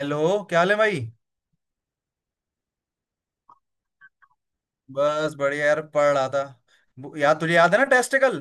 Hello. क्या हाल है भाई? बस बढ़िया यार, पढ़ रहा था। यार तुझे याद है ना, टेस्ट कल?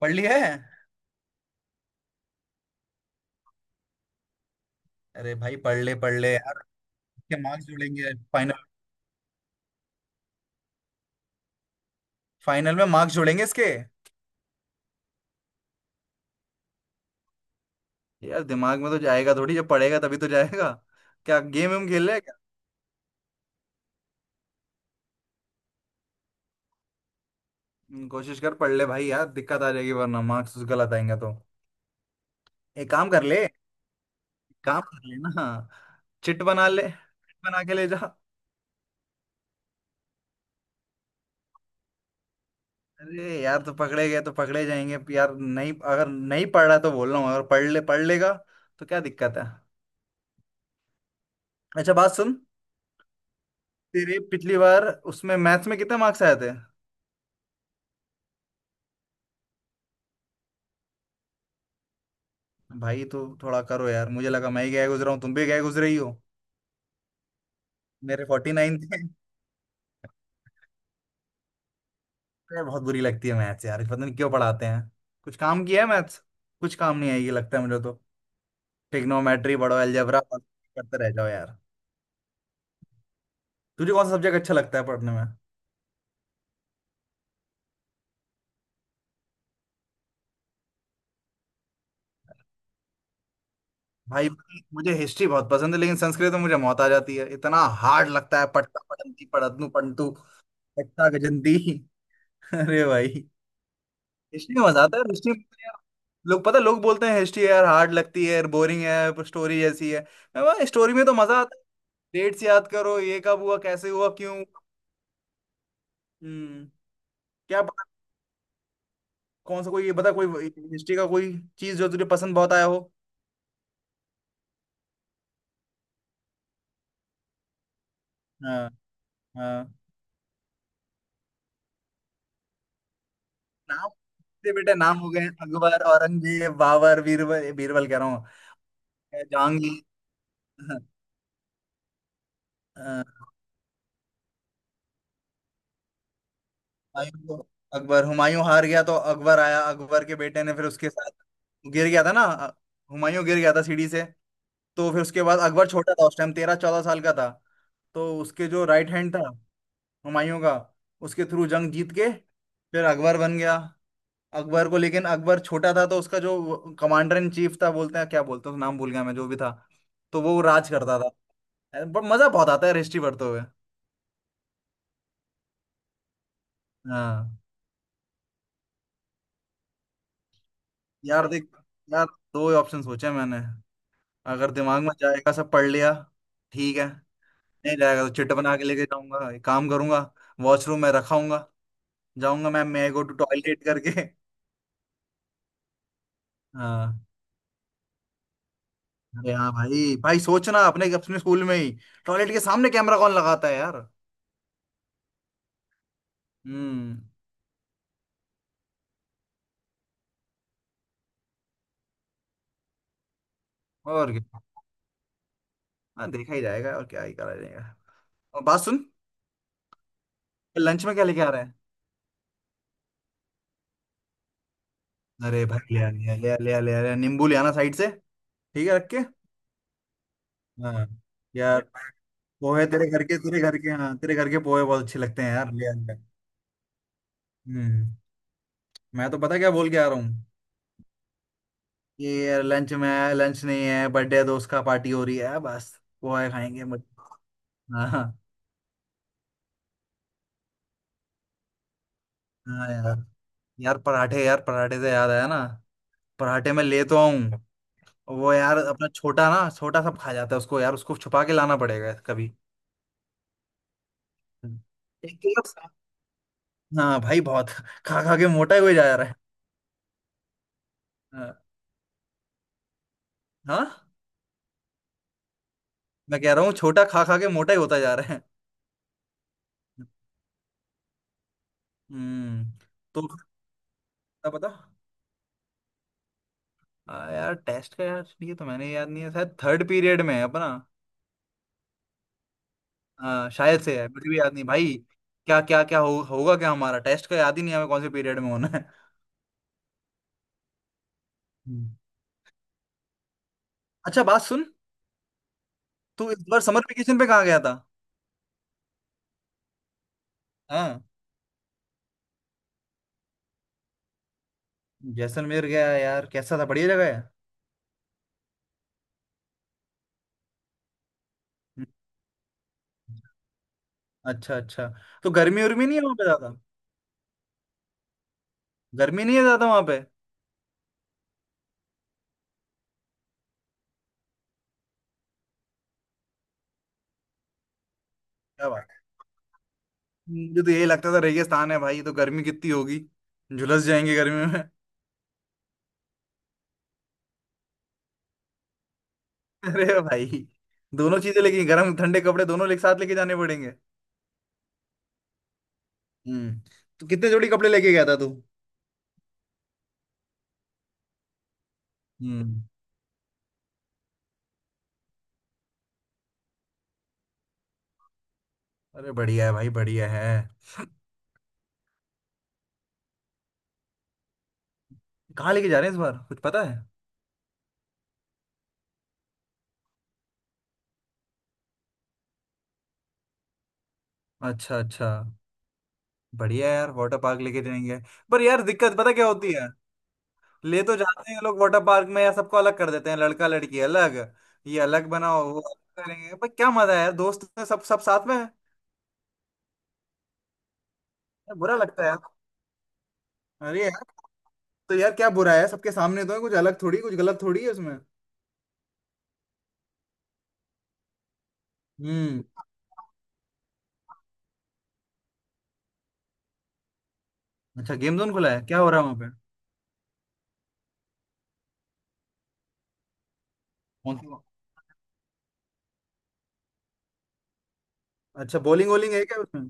पढ़ ली है। अरे भाई पढ़ ले यार, इसके मार्क्स जुड़ेंगे फाइनल। फाइनल में मार्क्स जुड़ेंगे इसके। यार दिमाग में तो जाएगा थोड़ी, जब पढ़ेगा तभी तो जाएगा। क्या गेम वेम खेल ले क्या? कोशिश कर पढ़ ले भाई यार, दिक्कत आ जाएगी वरना, मार्क्स गलत आएंगे तो। एक काम कर ले, एक काम कर ले ना। चिट बना ले, चिट बना के ले जा। अरे यार तो पकड़े गए तो पकड़े जाएंगे। अब यार नहीं, अगर नहीं पढ़ रहा तो बोल रहा हूँ, अगर पढ़ ले पढ़ लेगा तो क्या दिक्कत है? अच्छा बात सुन, तेरे पिछली बार उसमें मैथ्स में कितने मार्क्स आए थे? भाई तो थोड़ा करो यार, मुझे लगा मैं ही गया गुजरा हूँ, तुम भी गए गुजरे ही हो। मेरे 49 थे। अरे, बहुत बुरी लगती है मैथ्स यार, पता नहीं क्यों पढ़ाते हैं। कुछ काम किया है मैथ्स? कुछ काम नहीं आएगी लगता है मुझे तो। ट्रिग्नोमेट्री पढ़ो, अलजेब्रा करते रह जाओ यार। तुझे कौन सा सब्जेक्ट अच्छा लगता है पढ़ने में? भाई मुझे हिस्ट्री बहुत पसंद है, लेकिन संस्कृत में मुझे मौत आ जाती है, इतना हार्ड लगता है। पढ़ता पढ़ंती पढ़तनु पंटू पट्टा गजंती। अरे भाई, हिस्ट्री में मजा आता है, हिस्ट्री में यार। लोग पता है, लोग बोलते हैं हिस्ट्री यार हार्ड लगती है, बोरिंग है, स्टोरी जैसी है। मैं बोला स्टोरी में तो मजा आता है। डेट्स याद करो, ये कब हुआ, कैसे हुआ, क्यों हुआ। हम्म क्या पता। कौन सा कोई, ये बता कोई हिस्ट्री का कोई चीज जो तुझे पसंद बहुत आया हो। हाँ, हाँ। नाम? दे बेटे, नाम हो गए हैं अकबर, औरंगजेब, बाबर, बीरबल, बीरबल कह रहा हूँ। जहांगीर। अ, हुमायूं को- अकबर। हुमायूं हार गया तो अकबर आया, अकबर के बेटे ने फिर उसके साथ। गिर गया था ना हुमायूं, गिर गया था सीढ़ी से। तो फिर उसके बाद अकबर छोटा था उस टाइम, 13 14 साल का था। तो उसके जो राइट हैंड था हुमायूं का, उसके थ्रू जंग जीत के फिर अकबर बन गया। अकबर को, लेकिन अकबर छोटा था तो उसका जो कमांडर इन चीफ था, बोलते हैं क्या बोलते हैं उसका, नाम भूल गया मैं, जो भी था तो वो राज करता था। मजा बहुत आता है हिस्ट्री पढ़ते हुए। हाँ। यार देख, यार दो ही ऑप्शन सोचे मैंने। अगर दिमाग में जाएगा सब पढ़ लिया, ठीक है। नहीं जाएगा तो चिट बना के लेके जाऊंगा, एक काम करूंगा, वॉशरूम में रखाऊंगा। जाऊंगा, मैम मैं गो टू टॉयलेट करके। हाँ। अरे हाँ भाई भाई, सोचना अपने अपने स्कूल में ही टॉयलेट के सामने कैमरा कौन लगाता है यार। हम्म और क्या। हाँ देखा ही जाएगा, और क्या ही करा जाएगा। और बात सुन, लंच में क्या लेके आ रहे हैं? अरे भाई ले आ ले आ ले आ ले आ ले आ ले आ, नींबू ले आना साइड से। ठीक है, रख के। हाँ। यार पोहे, तेरे घर के, तेरे घर के, हाँ तेरे घर के पोहे बहुत अच्छे लगते हैं यार, ले आऊंगा। हम्म मैं तो पता क्या बोल के आ रहा हूँ। ये लंच में, लंच नहीं है, बर्थडे दोस्त का, पार्टी हो रही है बस। पोहे खाएंगे मुझे। हाँ हाँ, हाँ। यार, यार पराठे, यार पराठे से याद आया ना, पराठे में ले तो आऊँ। वो यार अपना छोटा ना, छोटा सब खा जाता है उसको यार, उसको छुपा के लाना पड़ेगा कभी। हम्म। एक किलो सा- हाँ भाई बहुत, खा खा के मोटा ही हो जा रहा है। हाँ। हाँ, मैं कह रहा हूँ छोटा खा खा के मोटा ही होता जा रहा है। हम्म। तो पता, पता यार टेस्ट का यार, ये तो मैंने याद नहीं है, शायद थर्ड पीरियड में है अपना। शायद से है, मुझे भी याद नहीं भाई। क्या क्या क्या हो, होगा क्या हमारा, टेस्ट का याद ही नहीं है हमें, कौन से पीरियड में होना है। हम्म। अच्छा बात सुन, तू इस बार समर वेकेशन पे कहाँ गया था? हाँ। जैसलमेर गया यार, कैसा था, बढ़िया जगह है? हम्म। अच्छा अच्छा, तो गर्मी उर्मी नहीं है वहाँ पे ज्यादा? गर्मी नहीं है ज्यादा वहाँ पे? क्या बात है? मुझे तो यही लगता था रेगिस्तान है भाई, तो गर्मी कितनी होगी, झुलस जाएंगे गर्मी। अरे भाई, दोनों चीजें लेके, गर्म ठंडे कपड़े दोनों एक साथ लेके जाने पड़ेंगे। हम्म। तो कितने जोड़ी कपड़े लेके गया था तू? हम्म। अरे बढ़िया है भाई, बढ़िया है। कहाँ लेके जा रहे हैं इस बार, कुछ पता है? अच्छा अच्छा। बढ़िया है यार, वाटर पार्क लेके जाएंगे। पर यार दिक्कत पता क्या होती है, ले तो जाते हैं लोग वाटर पार्क में यार, सबको अलग कर देते हैं, लड़का लड़की अलग। ये अलग बनाओ, वो अलग करेंगे, पर क्या मजा है यार, दोस्त ने सब सब साथ में है। यार, बुरा लगता है यार। अरे यार, तो यार क्या बुरा है, सबके सामने तो है, कुछ अलग थोड़ी, कुछ गलत थोड़ी है उसमें। हम्म अच्छा गेम जोन खुला है, क्या हो रहा है वहाँ पे? कौन सा? अच्छा बॉलिंग वॉलिंग है क्या उसमें?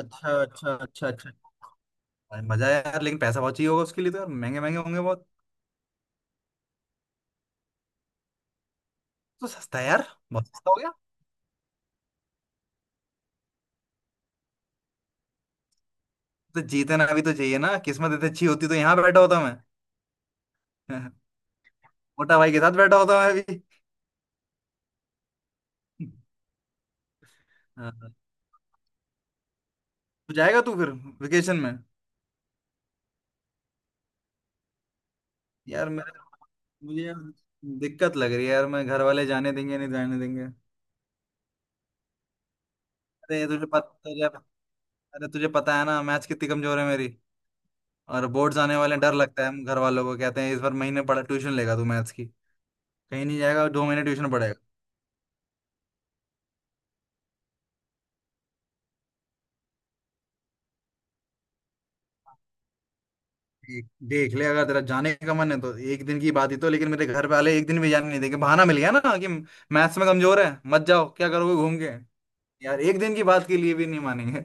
अच्छा अच्छा अच्छा अच्छा। अरे मजा है यार, लेकिन पैसा बहुत चाहिए होगा उसके लिए तो यार, महंगे महंगे होंगे बहुत। तो सस्ता है यार, बहुत सस्ता हो गया। तो जीतना भी तो चाहिए ना, किस्मत इतनी अच्छी होती तो यहाँ बैठा होता मैं? मोटा भाई के साथ बैठा होता मैं अभी। हाँ। तो जाएगा तू फिर वेकेशन में? यार मेरे, मुझे यार दिक्कत लग रही है यार, मैं घर वाले जाने देंगे नहीं जाने देंगे। अरे तुझे पता तुझे, अरे तुझे पता है ना मैच कितनी कमजोर है मेरी। और बोर्ड्स आने वाले हैं, डर लगता है, हम घर वालों को कहते हैं इस बार महीने पढ़ा ट्यूशन लेगा तू मैथ्स की, कहीं नहीं जाएगा, 2 महीने ट्यूशन पढ़ेगा। देख ले, अगर तेरा जाने का मन है तो एक दिन की बात ही तो, लेकिन मेरे घर वाले एक दिन भी जाने नहीं देंगे, बहाना मिल गया ना कि मैथ्स में कमजोर है, मत जाओ, क्या करोगे घूम के। यार एक दिन की बात के लिए भी नहीं मानेंगे।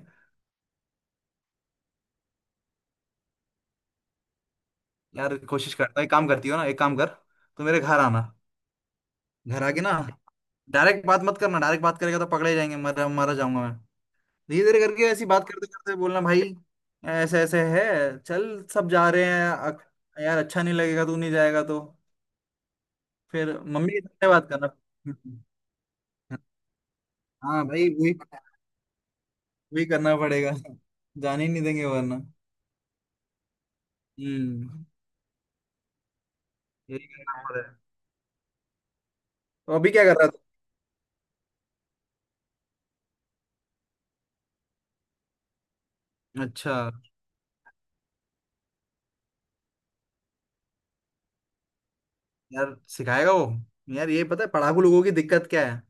यार कोशिश करता, एक काम करती हो ना, एक काम कर, तू मेरे घर आना। घर आके ना, डायरेक्ट बात मत करना, डायरेक्ट बात करेगा तो पकड़े जाएंगे, मर मरा जाऊंगा मैं। धीरे धीरे करके ऐसी बात करते करते बोलना भाई। ऐसे ऐसे है, चल सब जा रहे हैं, यार अच्छा नहीं लगेगा तू नहीं जाएगा तो। फिर मम्मी के सामने बात करना। हाँ भाई वही, वही करना पड़ेगा, जाने ही नहीं देंगे वरना। हम्म, यही करना पड़ेगा। तो अभी क्या कर रहा था? अच्छा। यार सिखाएगा वो? यार ये पता है पढ़ाकू लोगों की दिक्कत क्या है,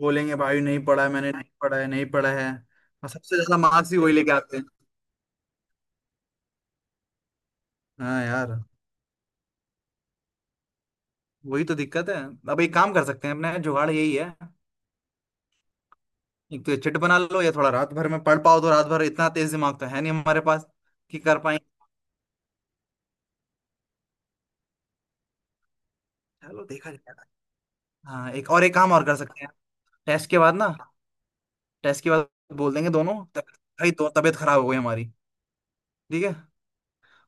बोलेंगे भाई नहीं पढ़ा है मैंने, नहीं पढ़ा है, नहीं पढ़ा है। और सबसे ज्यादा मार्क्स ही वही लेके आते हैं। हाँ यार, वही तो दिक्कत है। अब एक काम कर सकते हैं, अपने जुगाड़ यही है। एक तो ये चिट बना लो, या थोड़ा रात भर में पढ़ पाओ तो, रात भर इतना तेज दिमाग तो है नहीं हमारे पास कि कर पाए। चलो देखा जाएगा। हाँ एक और, एक काम और कर सकते हैं, टेस्ट के बाद ना, टेस्ट के बाद बोल देंगे दोनों भाई दो तबीयत खराब हो गई हमारी, ठीक है।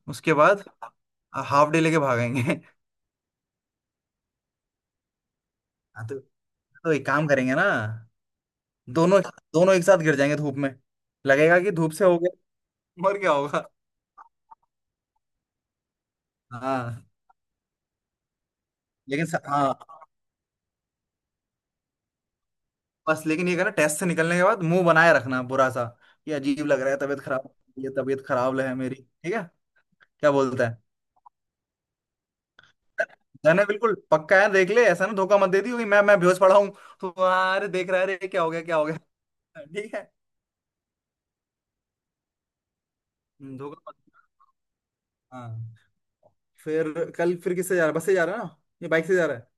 उसके बाद हाफ डे लेके भागेंगे। हाँ। तो, तो एक काम करेंगे ना, दोनों, दोनों एक साथ गिर जाएंगे धूप में, लगेगा कि धूप से हो गया, और क्या होगा। हाँ लेकिन हाँ बस, लेकिन ये कह रहा टेस्ट से निकलने के बाद मुंह बनाए रखना बुरा सा, ये अजीब लग रहा है, तबीयत खराब, ये तबीयत खराब है मेरी, ठीक है? क्या बोलता है? जाने बिल्कुल पक्का है, देख ले ऐसा ना धोखा मत दे दियो कि मैं बेहोश पड़ा हूँ, तो "हाँ, अरे देख रहा है, अरे क्या हो गया, क्या हो गया।" ठीक है। धोखा मत। हाँ। फिर कल फिर किससे जा रहा है, बस से जा रहा है ना? ये बाइक से जा रहा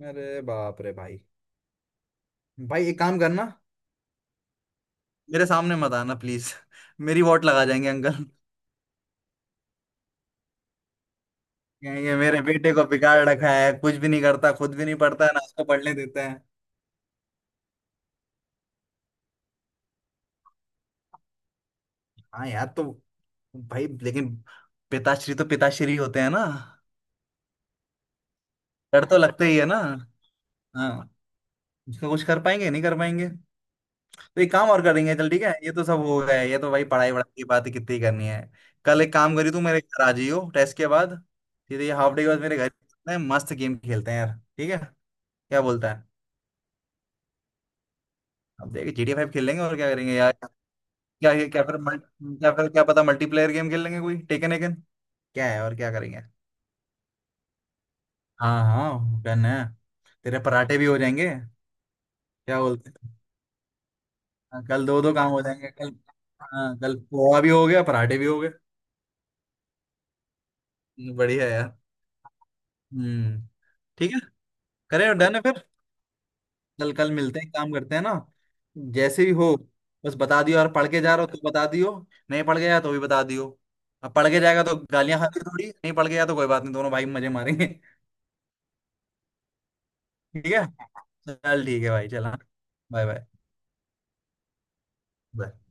है? अरे बाप रे भाई, भाई एक काम करना, मेरे सामने मत आना प्लीज, मेरी वोट लगा जाएंगे अंकल। कहेंगे मेरे बेटे को बिगाड़ रखा है, कुछ भी नहीं करता, खुद भी नहीं पढ़ता है, ना उसको पढ़ने देता है। हाँ यार तो, भाई लेकिन पिताश्री तो पिताश्री होते हैं ना, डर तो लगता ही है ना। हाँ। उसका कुछ कर पाएंगे, नहीं कर पाएंगे। तो एक काम और करेंगे, चल ठीक है, ये तो सब हो गया है, ये तो भाई पढ़ाई वढ़ाई की बात कितनी करनी है। कल एक काम करी, तू मेरे घर आ जाइयो टेस्ट के बाद, सीधे ये हाफ डे के बाद मेरे घर चलते हैं, मस्त गेम खेलते हैं यार। ठीक है? क्या बोलता है? अब देख GTA 5 खेल लेंगे, और क्या करेंगे यार, क्या क्या क्या फिर मल्टी, क्या फिर क्या पता मल्टीप्लेयर गेम खेल लेंगे, कोई टेकन एकन क्या है, और क्या करेंगे। हाँ हाँ, डन है। तेरे पराठे भी हो जाएंगे। क्या बोलते हैं? हाँ, कल दो दो काम हो जाएंगे कल। हाँ कल पोहा भी हो गया, पराठे भी हो गए। बढ़िया यार। हम्म, ठीक है, करें, डन है फिर। कल, कल मिलते हैं, काम करते हैं ना, जैसे भी हो। बस बता दियो यार, पढ़ के जा रहे हो तो बता दियो, नहीं पढ़ के जा तो भी बता दियो। अब पढ़ के जाएगा तो गालियां खाते थोड़ी, नहीं पढ़ के जा तो कोई बात नहीं, दोनों भाई मजे मारेंगे। ठीक है। चल ठीक है भाई, चला। बाय। बाय।